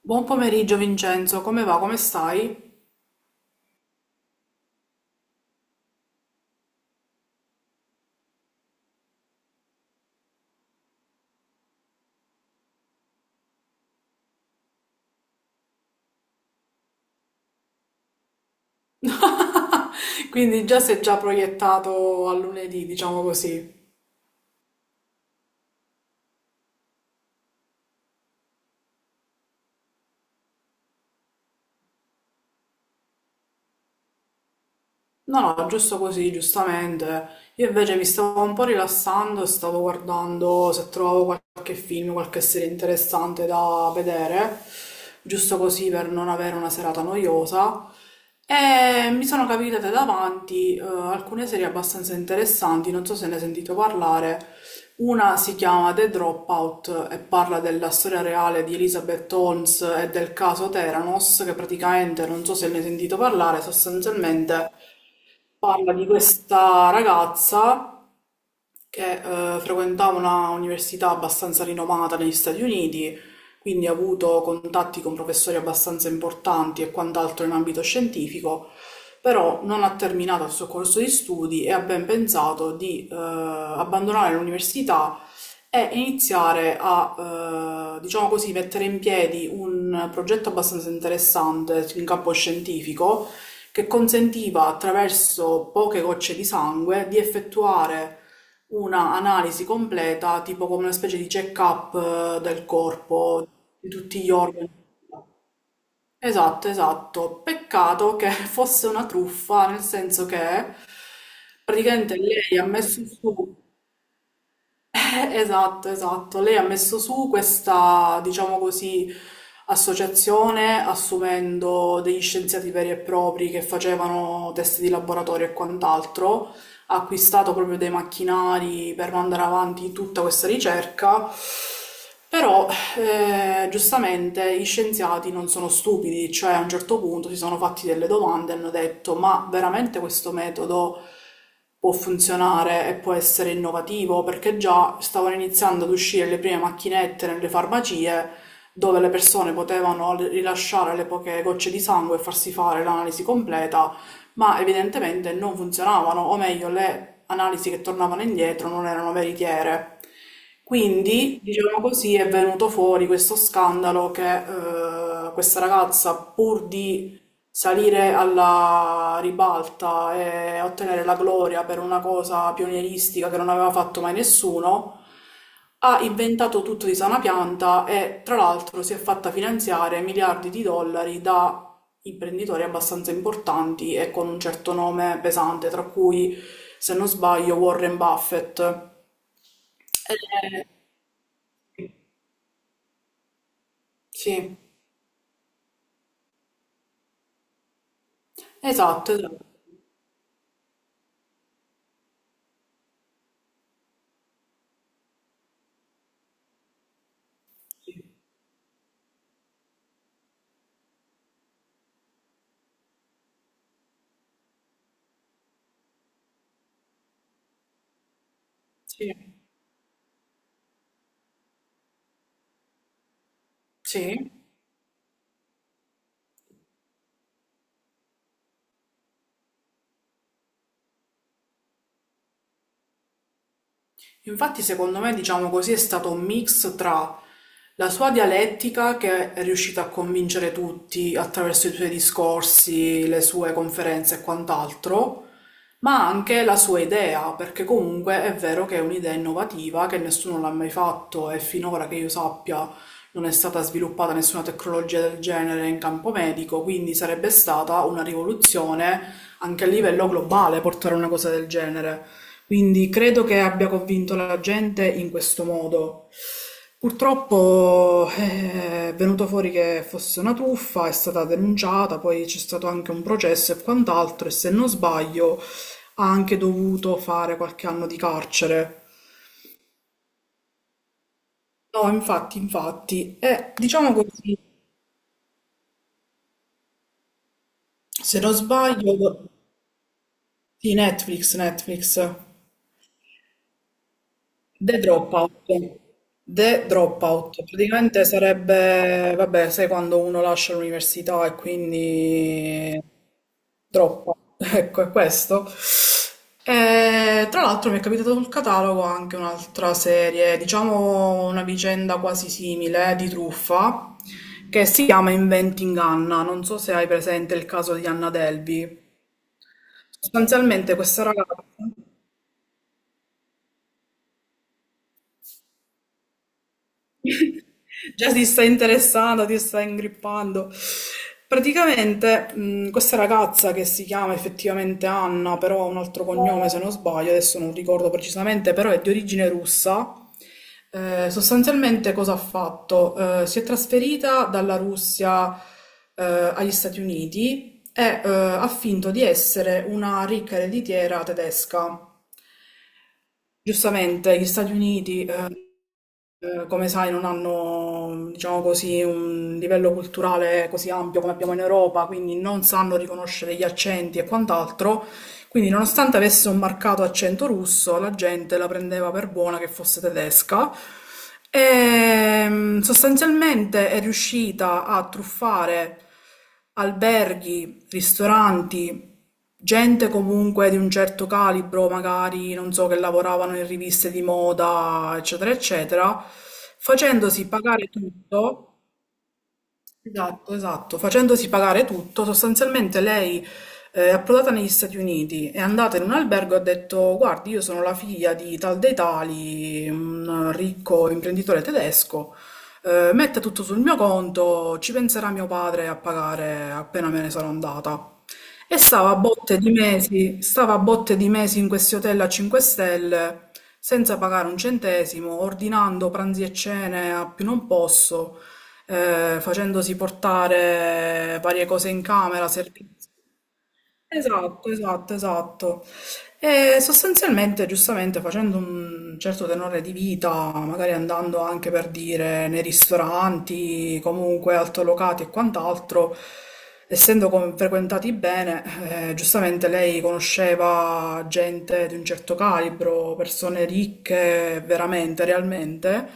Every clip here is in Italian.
Buon pomeriggio Vincenzo, come va? Come stai? Quindi già sei già proiettato a lunedì, diciamo così. No, no, giusto così, giustamente. Io invece mi stavo un po' rilassando e stavo guardando se trovavo qualche film, qualche serie interessante da vedere, giusto così per non avere una serata noiosa. E mi sono capitate davanti alcune serie abbastanza interessanti, non so se ne hai sentito parlare. Una si chiama The Dropout e parla della storia reale di Elizabeth Holmes e del caso Theranos, che praticamente, non so se ne hai sentito parlare, sostanzialmente parla di questa ragazza che frequentava una università abbastanza rinomata negli Stati Uniti, quindi ha avuto contatti con professori abbastanza importanti e quant'altro in ambito scientifico, però non ha terminato il suo corso di studi e ha ben pensato di abbandonare l'università è iniziare a, diciamo così, mettere in piedi un progetto abbastanza interessante in campo scientifico che consentiva attraverso poche gocce di sangue di effettuare una analisi completa, tipo come una specie di check-up del corpo, di tutti gli organi. Esatto, esatto. Peccato che fosse una truffa, nel senso che praticamente lei ha messo su Esatto, esatto. Lei ha messo su questa, diciamo così, associazione assumendo degli scienziati veri e propri che facevano test di laboratorio e quant'altro, ha acquistato proprio dei macchinari per mandare avanti tutta questa ricerca, però giustamente gli scienziati non sono stupidi, cioè a un certo punto si sono fatti delle domande e hanno detto: ma veramente questo metodo può funzionare e può essere innovativo? Perché già stavano iniziando ad uscire le prime macchinette nelle farmacie dove le persone potevano rilasciare le poche gocce di sangue e farsi fare l'analisi completa ma evidentemente non funzionavano, o meglio, le analisi che tornavano indietro non erano veritiere. Quindi, diciamo così, è venuto fuori questo scandalo che questa ragazza, pur di salire alla ribalta e ottenere la gloria per una cosa pionieristica che non aveva fatto mai nessuno, ha inventato tutto di sana pianta e tra l'altro si è fatta finanziare miliardi di dollari da imprenditori abbastanza importanti e con un certo nome pesante, tra cui, se non sbaglio, Warren Buffett. Eh, sì, esatto, esatto. Sì, sì, sì. Infatti, secondo me, diciamo così, è stato un mix tra la sua dialettica, che è riuscita a convincere tutti attraverso i suoi discorsi, le sue conferenze e quant'altro, ma anche la sua idea, perché comunque è vero che è un'idea innovativa, che nessuno l'ha mai fatto e finora che io sappia non è stata sviluppata nessuna tecnologia del genere in campo medico, quindi sarebbe stata una rivoluzione anche a livello globale portare una cosa del genere. Quindi credo che abbia convinto la gente in questo modo. Purtroppo è venuto fuori che fosse una truffa, è stata denunciata, poi c'è stato anche un processo e quant'altro, e se non sbaglio ha anche dovuto fare qualche anno di carcere. No, infatti, infatti. E diciamo così, se non sbaglio, di Netflix, Netflix. The Dropout. The Dropout. Praticamente sarebbe, vabbè, sai quando uno lascia l'università e quindi droppa. Ecco, è questo. E, tra l'altro mi è capitato sul catalogo anche un'altra serie, diciamo una vicenda quasi simile di truffa, che si chiama Inventing Anna. Non so se hai presente il caso di Anna Delvey. Sostanzialmente questa ragazza... Già si sta interessando, ti sta ingrippando. Praticamente, questa ragazza che si chiama effettivamente Anna, però ha un altro cognome se non sbaglio, adesso non ricordo precisamente, però è di origine russa. Sostanzialmente cosa ha fatto? Si è trasferita dalla Russia, agli Stati Uniti e, ha finto di essere una ricca ereditiera tedesca. Giustamente, gli Stati Uniti, come sai, non hanno, diciamo così, un livello culturale così ampio come abbiamo in Europa, quindi non sanno riconoscere gli accenti e quant'altro, quindi, nonostante avesse un marcato accento russo, la gente la prendeva per buona che fosse tedesca. E sostanzialmente è riuscita a truffare alberghi, ristoranti, gente comunque di un certo calibro, magari non so, che lavoravano in riviste di moda, eccetera, eccetera, facendosi pagare tutto. Esatto, esatto. Facendosi pagare tutto, sostanzialmente lei è approdata negli Stati Uniti, è andata in un albergo e ha detto: guardi, io sono la figlia di tal dei tali, un ricco imprenditore tedesco, metta tutto sul mio conto, ci penserà mio padre a pagare appena me ne sarò andata. E stava a botte di mesi, stava a botte di mesi in questi hotel a 5 stelle, senza pagare un centesimo, ordinando pranzi e cene a più non posso, facendosi portare varie cose in camera, servizi. Esatto, esatto, esatto. E sostanzialmente, giustamente, facendo un certo tenore di vita, magari andando anche per dire nei ristoranti, comunque altolocati e quant'altro, essendo frequentati bene, giustamente lei conosceva gente di un certo calibro, persone ricche veramente, realmente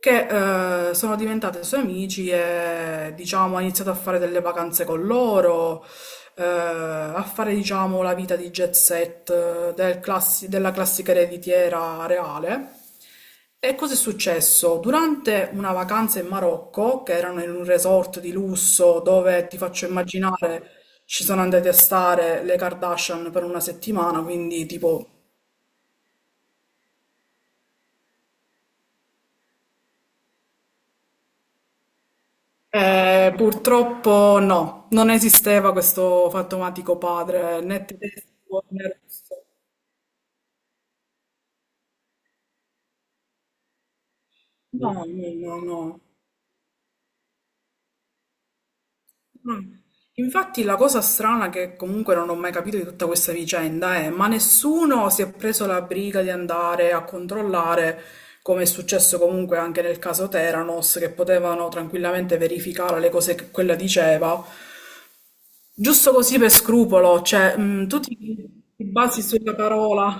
che sono diventate sue amici e diciamo ha iniziato a fare delle vacanze con loro, a fare diciamo la vita di jet set della classica ereditiera reale. E cosa è successo? Durante una vacanza in Marocco, che erano in un resort di lusso dove ti faccio immaginare ci sono andate a stare le Kardashian per una settimana, quindi tipo purtroppo no, non esisteva questo fantomatico padre né tedesco né russo. No, no, no, no. No. Infatti la cosa strana che comunque non ho mai capito di tutta questa vicenda è, ma nessuno si è preso la briga di andare a controllare, come è successo comunque anche nel caso Theranos, che potevano tranquillamente verificare le cose che quella diceva, giusto così per scrupolo, cioè, tu ti, basi sulla parola.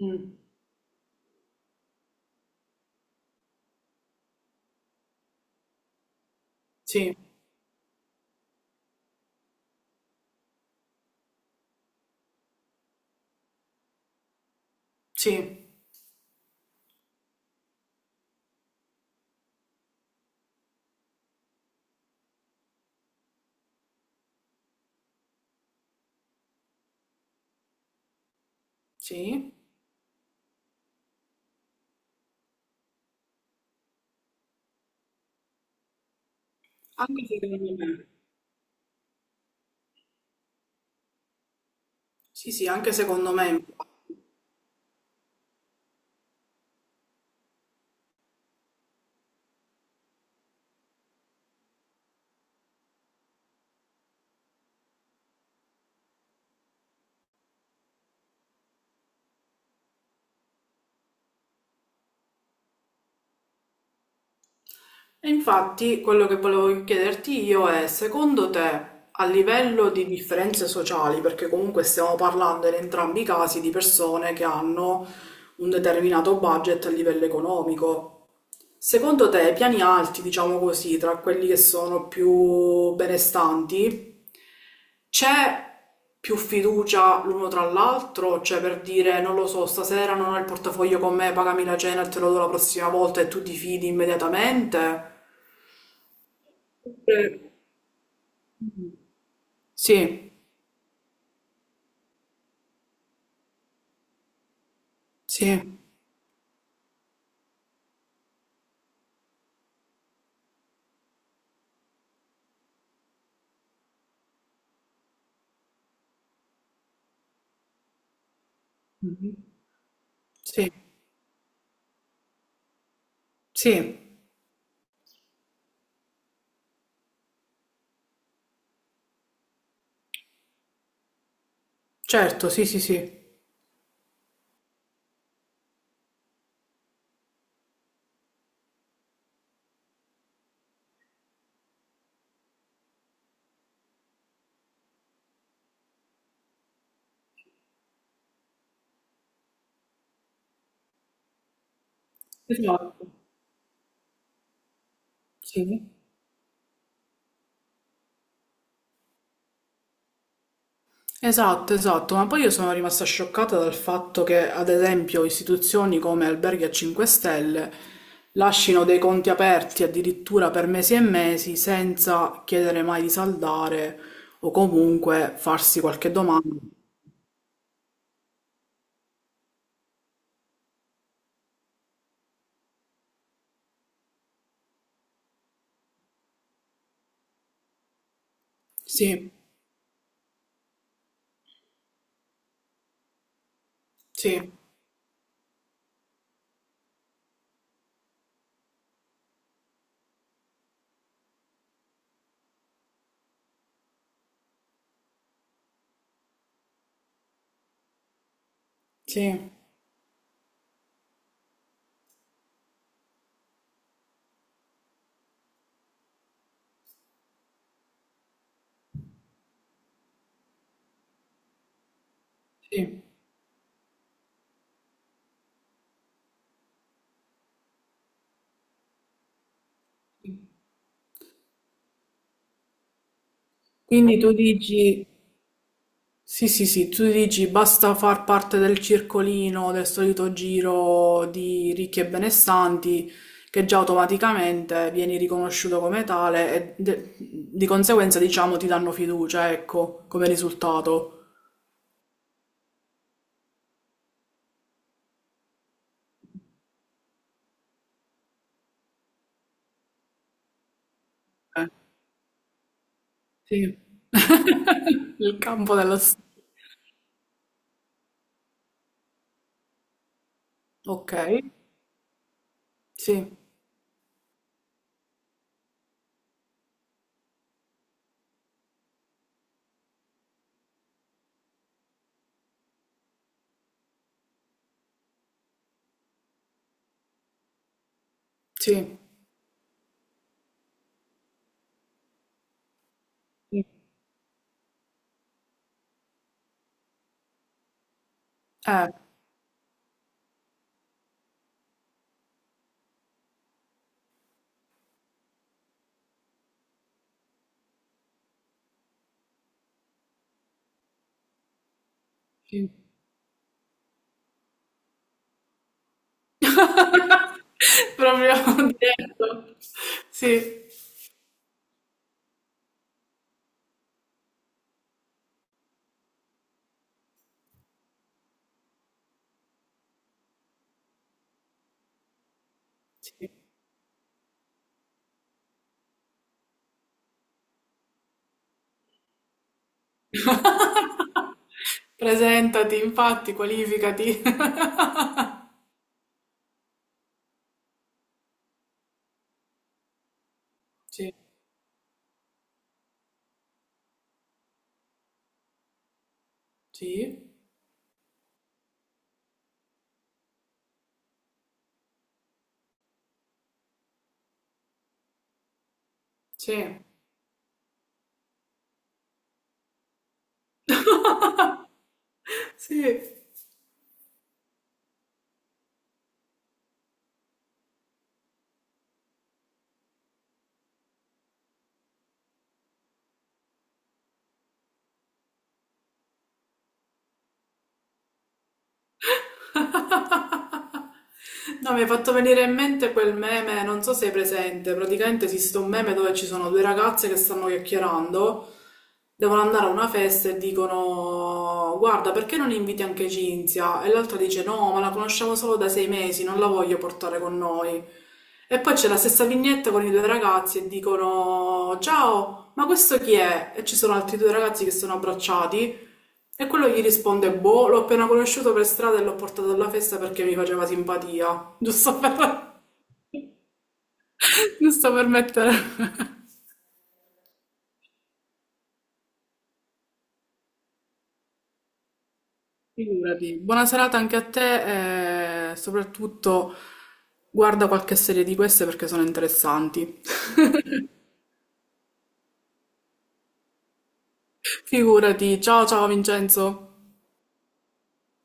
Mm, sì. Sì, sì, anche secondo me. Sì, sì, anche secondo me. E infatti quello che volevo chiederti io è, secondo te, a livello di differenze sociali, perché comunque stiamo parlando in entrambi i casi di persone che hanno un determinato budget a livello economico, secondo te, i piani alti, diciamo così, tra quelli che sono più benestanti, c'è più fiducia l'uno tra l'altro? Cioè, per dire, non lo so, stasera non ho il portafoglio con me, pagami la cena e te lo do la prossima volta e tu ti fidi immediatamente? Oppure- Sì, sì, mhm, sì, sì, certo, sì, sì, sì. Esatto, sì. Esatto, esatto, ma poi io sono rimasta scioccata dal fatto che, ad esempio, istituzioni come alberghi a 5 stelle lasciano dei conti aperti addirittura per mesi e mesi senza chiedere mai di saldare o comunque farsi qualche domanda. Sì, sì, sì, sì. Quindi tu dici sì, sì, sì, tu dici basta far parte del circolino, del solito giro di ricchi e benestanti, che già automaticamente vieni riconosciuto come tale e di conseguenza, diciamo, ti danno fiducia, ecco, come risultato. Eh, sì. Il campo dello. Ok, sì, sì, sì. Eh, sì. Proprio detto. Sì, sì. Presentati, infatti, qualificati. Sì, sì, sì. Sì. No, mi hai fatto venire in mente quel meme, non so se hai presente, praticamente esiste un meme dove ci sono due ragazze che stanno chiacchierando, devono andare a una festa e dicono: guarda, perché non inviti anche Cinzia? E l'altra dice: no, ma la conosciamo solo da 6 mesi, non la voglio portare con noi. E poi c'è la stessa vignetta con i due ragazzi e dicono: ciao, ma questo chi è? E ci sono altri due ragazzi che sono abbracciati e quello gli risponde: boh, l'ho appena conosciuto per strada e l'ho portato alla festa perché mi faceva simpatia. Giusto per, giusto per mettere... Figurati. Buona serata anche a te e soprattutto guarda qualche serie di queste perché sono interessanti. Figurati. Ciao ciao Vincenzo.